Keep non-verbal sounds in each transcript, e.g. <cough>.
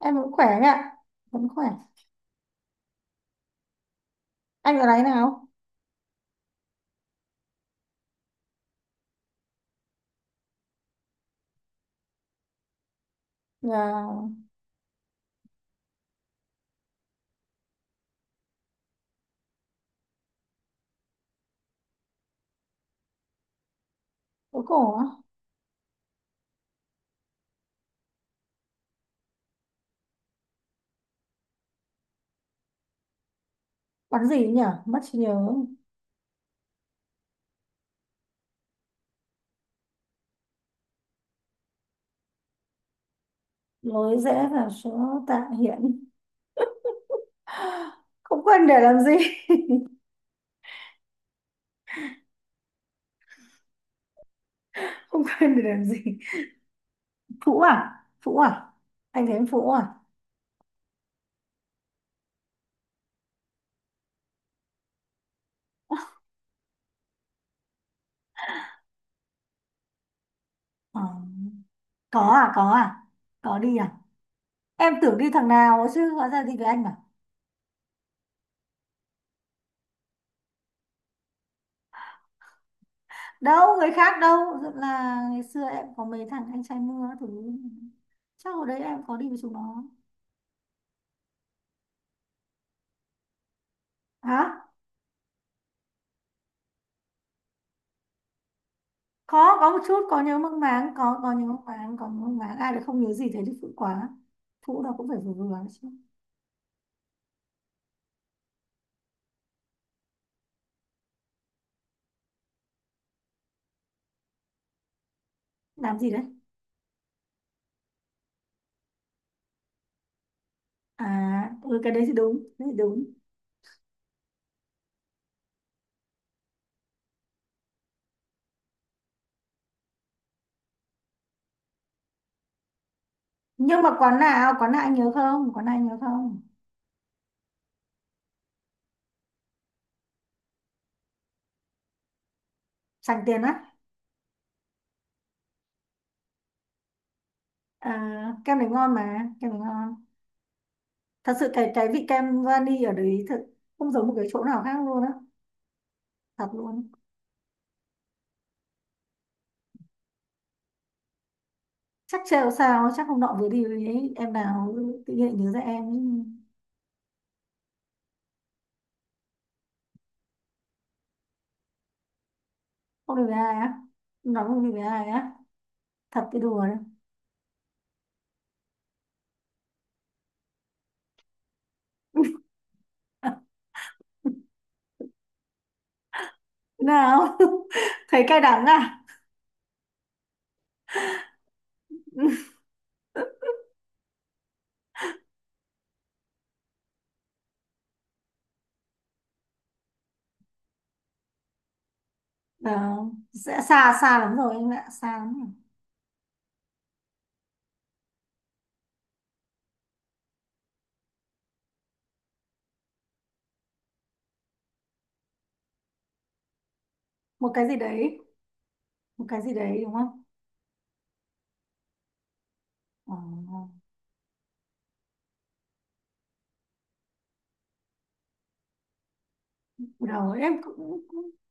Em vẫn khỏe anh ạ, vẫn khỏe. Anh ở đấy nào? Nhà phố cổ á? Bán gì nhỉ? Mất trí nhớ. Lối rẽ vào số Tạ Hiện. Không quên để làm gì? <laughs> Không quên để làm gì? Phũ à? Phũ à? Anh thấy em phũ à? Ờ. Có à? Có à? Có đi à? Em tưởng đi thằng nào chứ hóa ra đi với anh à? Đâu, người khác đâu. Thật là ngày xưa em có mấy thằng anh trai mưa các thứ. Chắc hồi đấy em có đi với chúng nó. Hả? Có một chút, có nhớ mang máng, có nhớ mang máng, có nhớ mang máng. Ai lại không nhớ gì, thế thì phụ quá. Phụ đâu cũng phải vừa vừa chứ. Làm gì đấy à? Ừ, cái đấy thì đúng, cái đấy thì đúng. Nhưng mà quán nào, quán nào anh nhớ không? Quán nào anh nhớ không? Sành tiền á? À, kem này ngon mà, kem này ngon. Thật sự cái vị kem vani ở đấy thật không giống một cái chỗ nào khác luôn á. Thật luôn. Chắc trêu sao, chắc hôm nọ vừa đi với em nào tự nhiên lại nhớ ra em. Không đi với ai á? Nói không đi với ai á? Thật, cái đùa đấy. <laughs> Nào. <laughs> Thấy cay đắng à? <laughs> Nào, sẽ xa, xa lắm rồi em ạ, xa lắm rồi. Một cái gì đấy. Một cái gì đấy, đúng không? Ờ, ờ. Đầu em cũng, cũng,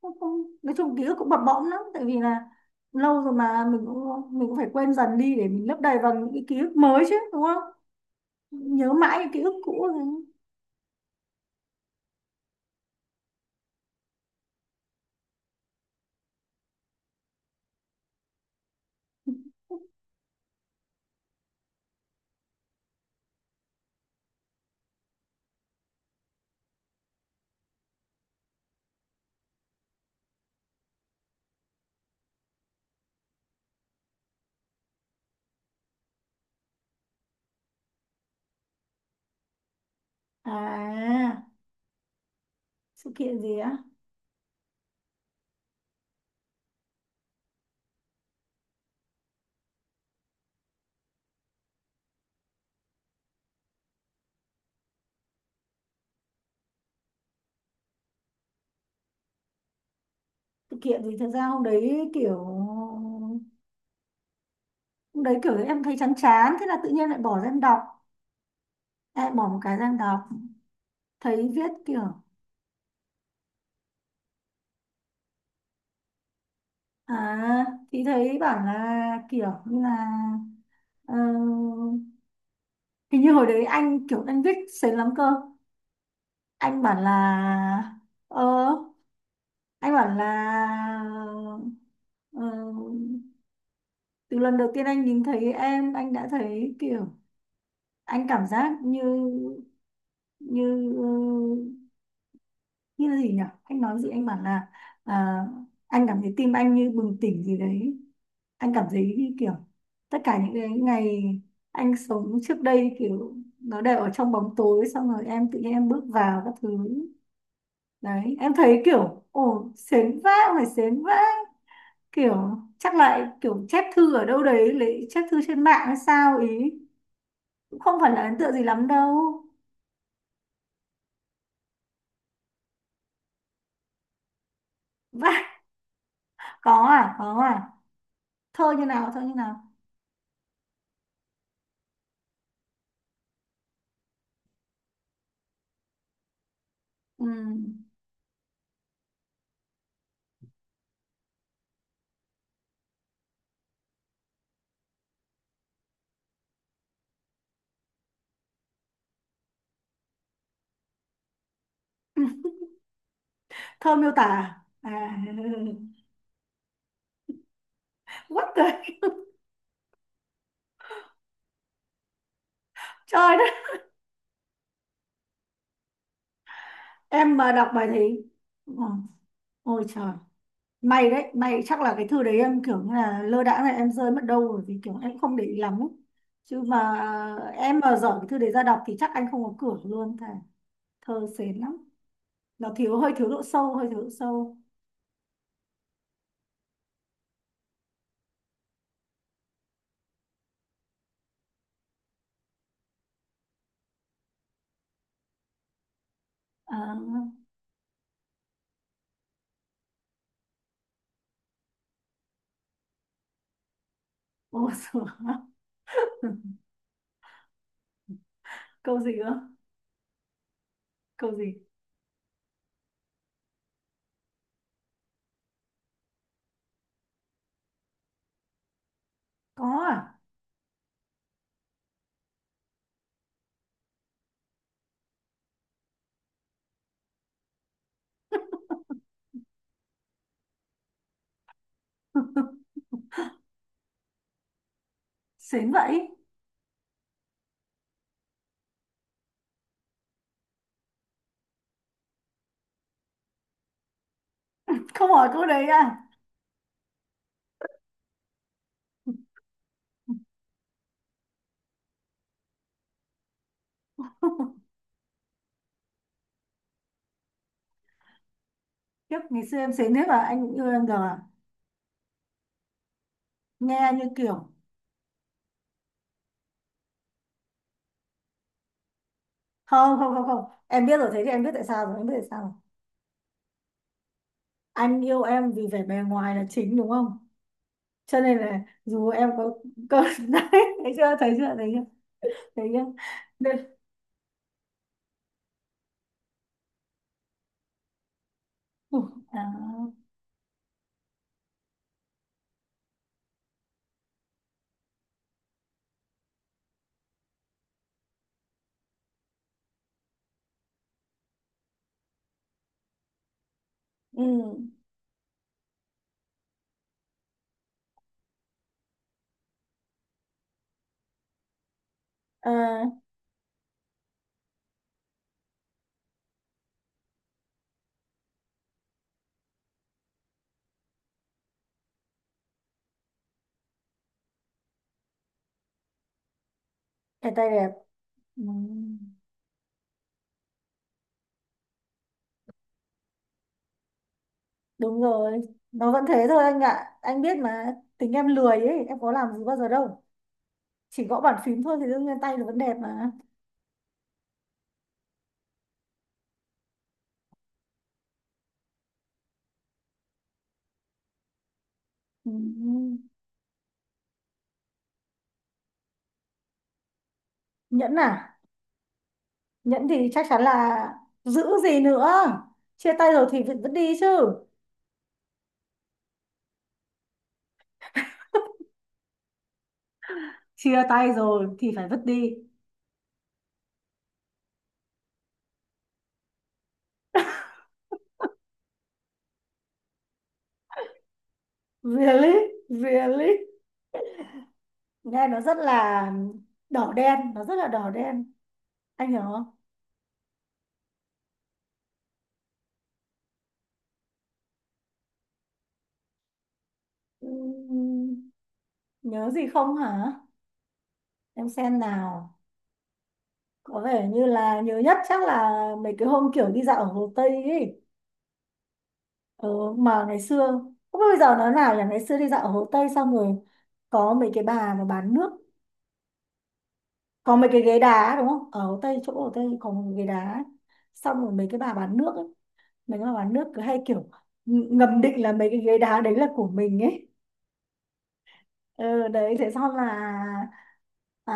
cũng, cũng nói chung ký ức cũng bập bõm lắm, tại vì là lâu rồi mà mình cũng phải quên dần đi để mình lấp đầy bằng những cái ký ức mới chứ, đúng không? Nhớ mãi những ký ức cũ rồi. À, sự kiện gì á? Sự kiện thì thật ra hôm đấy kiểu em thấy chán chán, thế là tự nhiên lại bỏ ra em đọc, lại bỏ một cái sang đọc, thấy viết kiểu. À, thì thấy bảo là kiểu như là, ờ, hình như hồi đấy anh kiểu anh viết sến lắm cơ. Anh bảo là ờ anh bảo là ờ, từ lần đầu tiên anh nhìn thấy em, anh đã thấy kiểu anh cảm giác như như như là gì nhỉ, anh nói gì, anh bảo là, à, anh cảm thấy tim anh như bừng tỉnh gì đấy. Anh cảm thấy như kiểu tất cả những cái ngày anh sống trước đây kiểu nó đều ở trong bóng tối, xong rồi em tự nhiên em bước vào các thứ. Đấy em thấy kiểu ồ sến vãi, phải sến vãi. Kiểu chắc lại kiểu chép thư ở đâu đấy, lấy chép thư trên mạng hay sao ý. Cũng không phải là ấn tượng gì lắm đâu. Vãi. Có à? Có à? Thơ như nào? Thơ như nào? Ừm, thơ miêu tả à? À, <laughs> what the. Trời đất. Em mà đọc bài đấy. Ồ, ôi trời. May đấy, may chắc là cái thư đấy em kiểu như là lơ đãng này, em rơi mất đâu rồi vì kiểu em không để ý lắm ấy. Chứ mà em mà dở cái thư đấy ra đọc thì chắc anh không có cửa luôn, thề. Thơ sến lắm, nó thiếu, hơi thiếu độ sâu, hơi thiếu độ sâu. À, ô sửa. <laughs> Câu gì cơ? Câu gì? Có à? Sến vậy? Không hỏi câu đấy à? <laughs> Kiếp ngày xưa em sến thế mà anh cũng yêu em giờ à? Nghe như kiểu. Không, không, không, không, em biết rồi, thế thì em biết tại sao rồi, em biết tại sao rồi. Anh yêu em vì vẻ bề ngoài là chính, đúng không? Cho nên là dù em có <laughs> đấy. Thấy chưa, thấy chưa, thấy chưa, thấy chưa? Đây. À, ừ. À, cái tay đẹp. Ừ. Đúng rồi. Nó vẫn thế thôi anh ạ, anh biết mà, tính em lười ấy, em có làm gì bao giờ đâu, chỉ gõ bàn phím thôi, thì đương nhiên tay nó vẫn đẹp mà. Ừ. Nhẫn à? Nhẫn thì chắc chắn là giữ gì nữa, chia tay rồi thì vẫn vứt đi chứ. Chia tay rồi thì phải vứt đi. Really, really. Nghe nó rất là đỏ đen, nó rất là đỏ đen, anh hiểu không? Ừm, nhớ gì không hả? Em xem nào. Có vẻ như là nhớ nhất chắc là mấy cái hôm kiểu đi dạo ở Hồ Tây ấy. Ừ, mà ngày xưa không biết bây giờ nó nào, là ngày xưa đi dạo ở Hồ Tây xong rồi có mấy cái bà mà bán nước, có mấy cái ghế đá đúng không, ở Hồ Tây chỗ Hồ Tây có một cái ghế đá ấy. Xong rồi mấy cái bà bán nước ấy, mình là bán nước cứ hay kiểu, ừ, ngầm định là mấy cái ghế đá đấy là của mình ấy. Ừ, đấy thế xong là, à,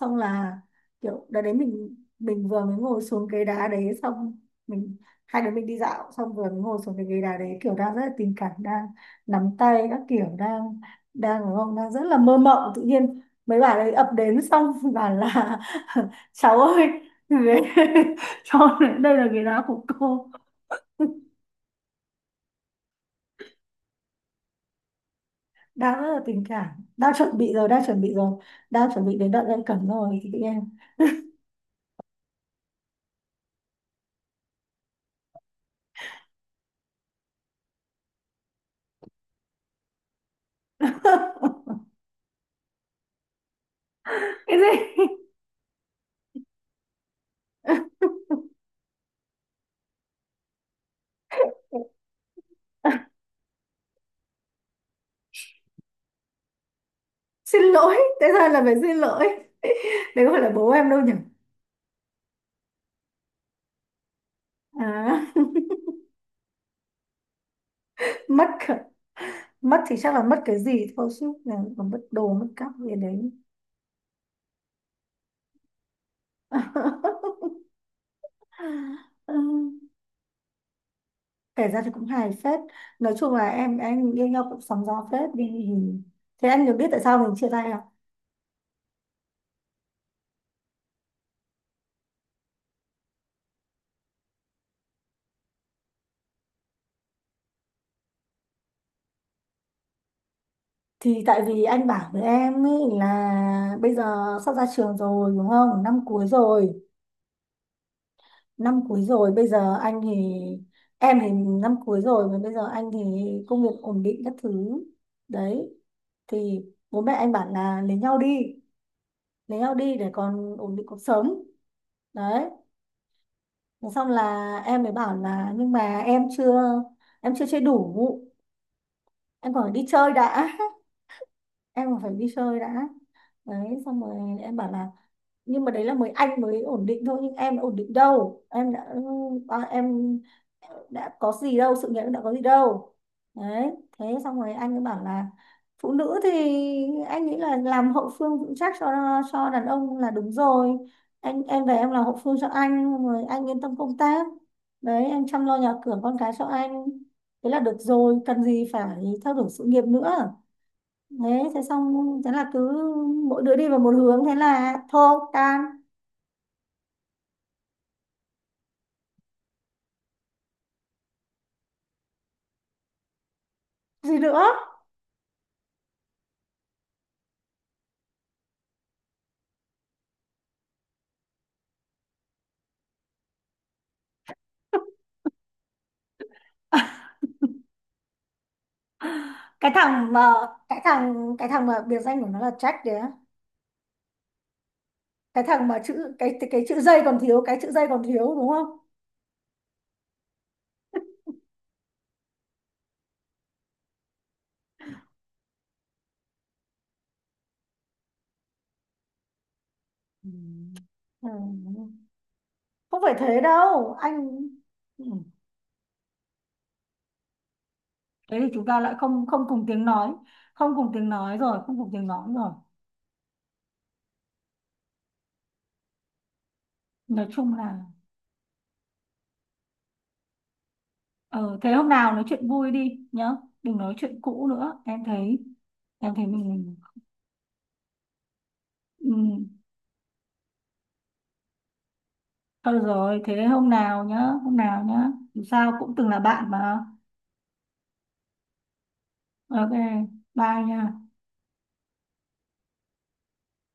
xong là kiểu đợt đấy mình vừa mới ngồi xuống ghế đá đấy xong, mình, hai đứa mình đi dạo xong vừa mới ngồi xuống cái ghế đá đấy kiểu đang rất là tình cảm, đang nắm tay các kiểu, đang, đang đúng không, đang rất là mơ mộng, tự nhiên mấy bà đấy ập đến xong bảo là, <laughs> cháu ơi, ghế- <laughs> cho đây là ghế đá của cô. Đang rất là tình cảm, đang chuẩn bị rồi, đang chuẩn bị rồi, đang chuẩn bị đến đoạn ân cần rồi chị em. <laughs> Cái gì? <laughs> Xin lỗi. Thế ra là phải xin lỗi. <laughs> Đấy không phải là bố em đâu nhỉ? À, <laughs> mất cả- mất thì chắc là mất cái gì thôi chứ là còn mất đồ mất cắp gì đấy. <laughs> Ừ, kể ra thì cũng hài phết. Nói chung là em yêu nhau cũng sóng gió phết đi. Thế anh được biết tại sao mình chia tay à? Thì tại vì anh bảo với em ý là bây giờ sắp ra trường rồi đúng không, năm cuối rồi, năm cuối rồi bây giờ anh thì, em thì, năm cuối rồi mà bây giờ anh thì công việc ổn định các thứ, đấy thì bố mẹ anh bảo là lấy nhau đi, lấy nhau đi để còn ổn định cuộc sống, đấy. Thế xong là em mới bảo là nhưng mà em chưa chơi đủ, em còn phải đi chơi đã. <laughs> Em còn phải đi chơi đã, đấy xong rồi em bảo là nhưng mà đấy là mới anh mới ổn định thôi, nhưng em đã ổn định đâu, em đã, em đã có gì đâu, sự nghiệp đã có gì đâu, đấy. Thế xong rồi anh ấy bảo là phụ nữ thì anh nghĩ là làm hậu phương vững chắc cho đàn ông là đúng rồi, anh em về em làm hậu phương cho anh xong rồi anh yên tâm công tác, đấy em chăm lo nhà cửa con cái cho anh thế là được rồi, cần gì phải theo đuổi sự nghiệp nữa, đấy thế xong thế là cứ mỗi đứa đi vào một hướng, thế là thôi, tan. Gì nữa? <laughs> Cái thằng mà, cái thằng mà biệt danh của nó là Jack đấy á. Cái thằng mà chữ, cái chữ dây còn thiếu, cái chữ dây còn thiếu, đúng không? Ừ. Ừ. Không phải thế đâu anh. Ừ. Thế thì chúng ta lại không không cùng tiếng nói, không cùng tiếng nói rồi, không cùng tiếng nói rồi, nói chung là. Ờ, thế hôm nào nói chuyện vui đi nhá, đừng nói chuyện cũ nữa Em thấy mình, ừ. Thôi được rồi, thế hôm nào nhá, hôm nào nhá, dù sao cũng từng là bạn mà. OK, bye nha.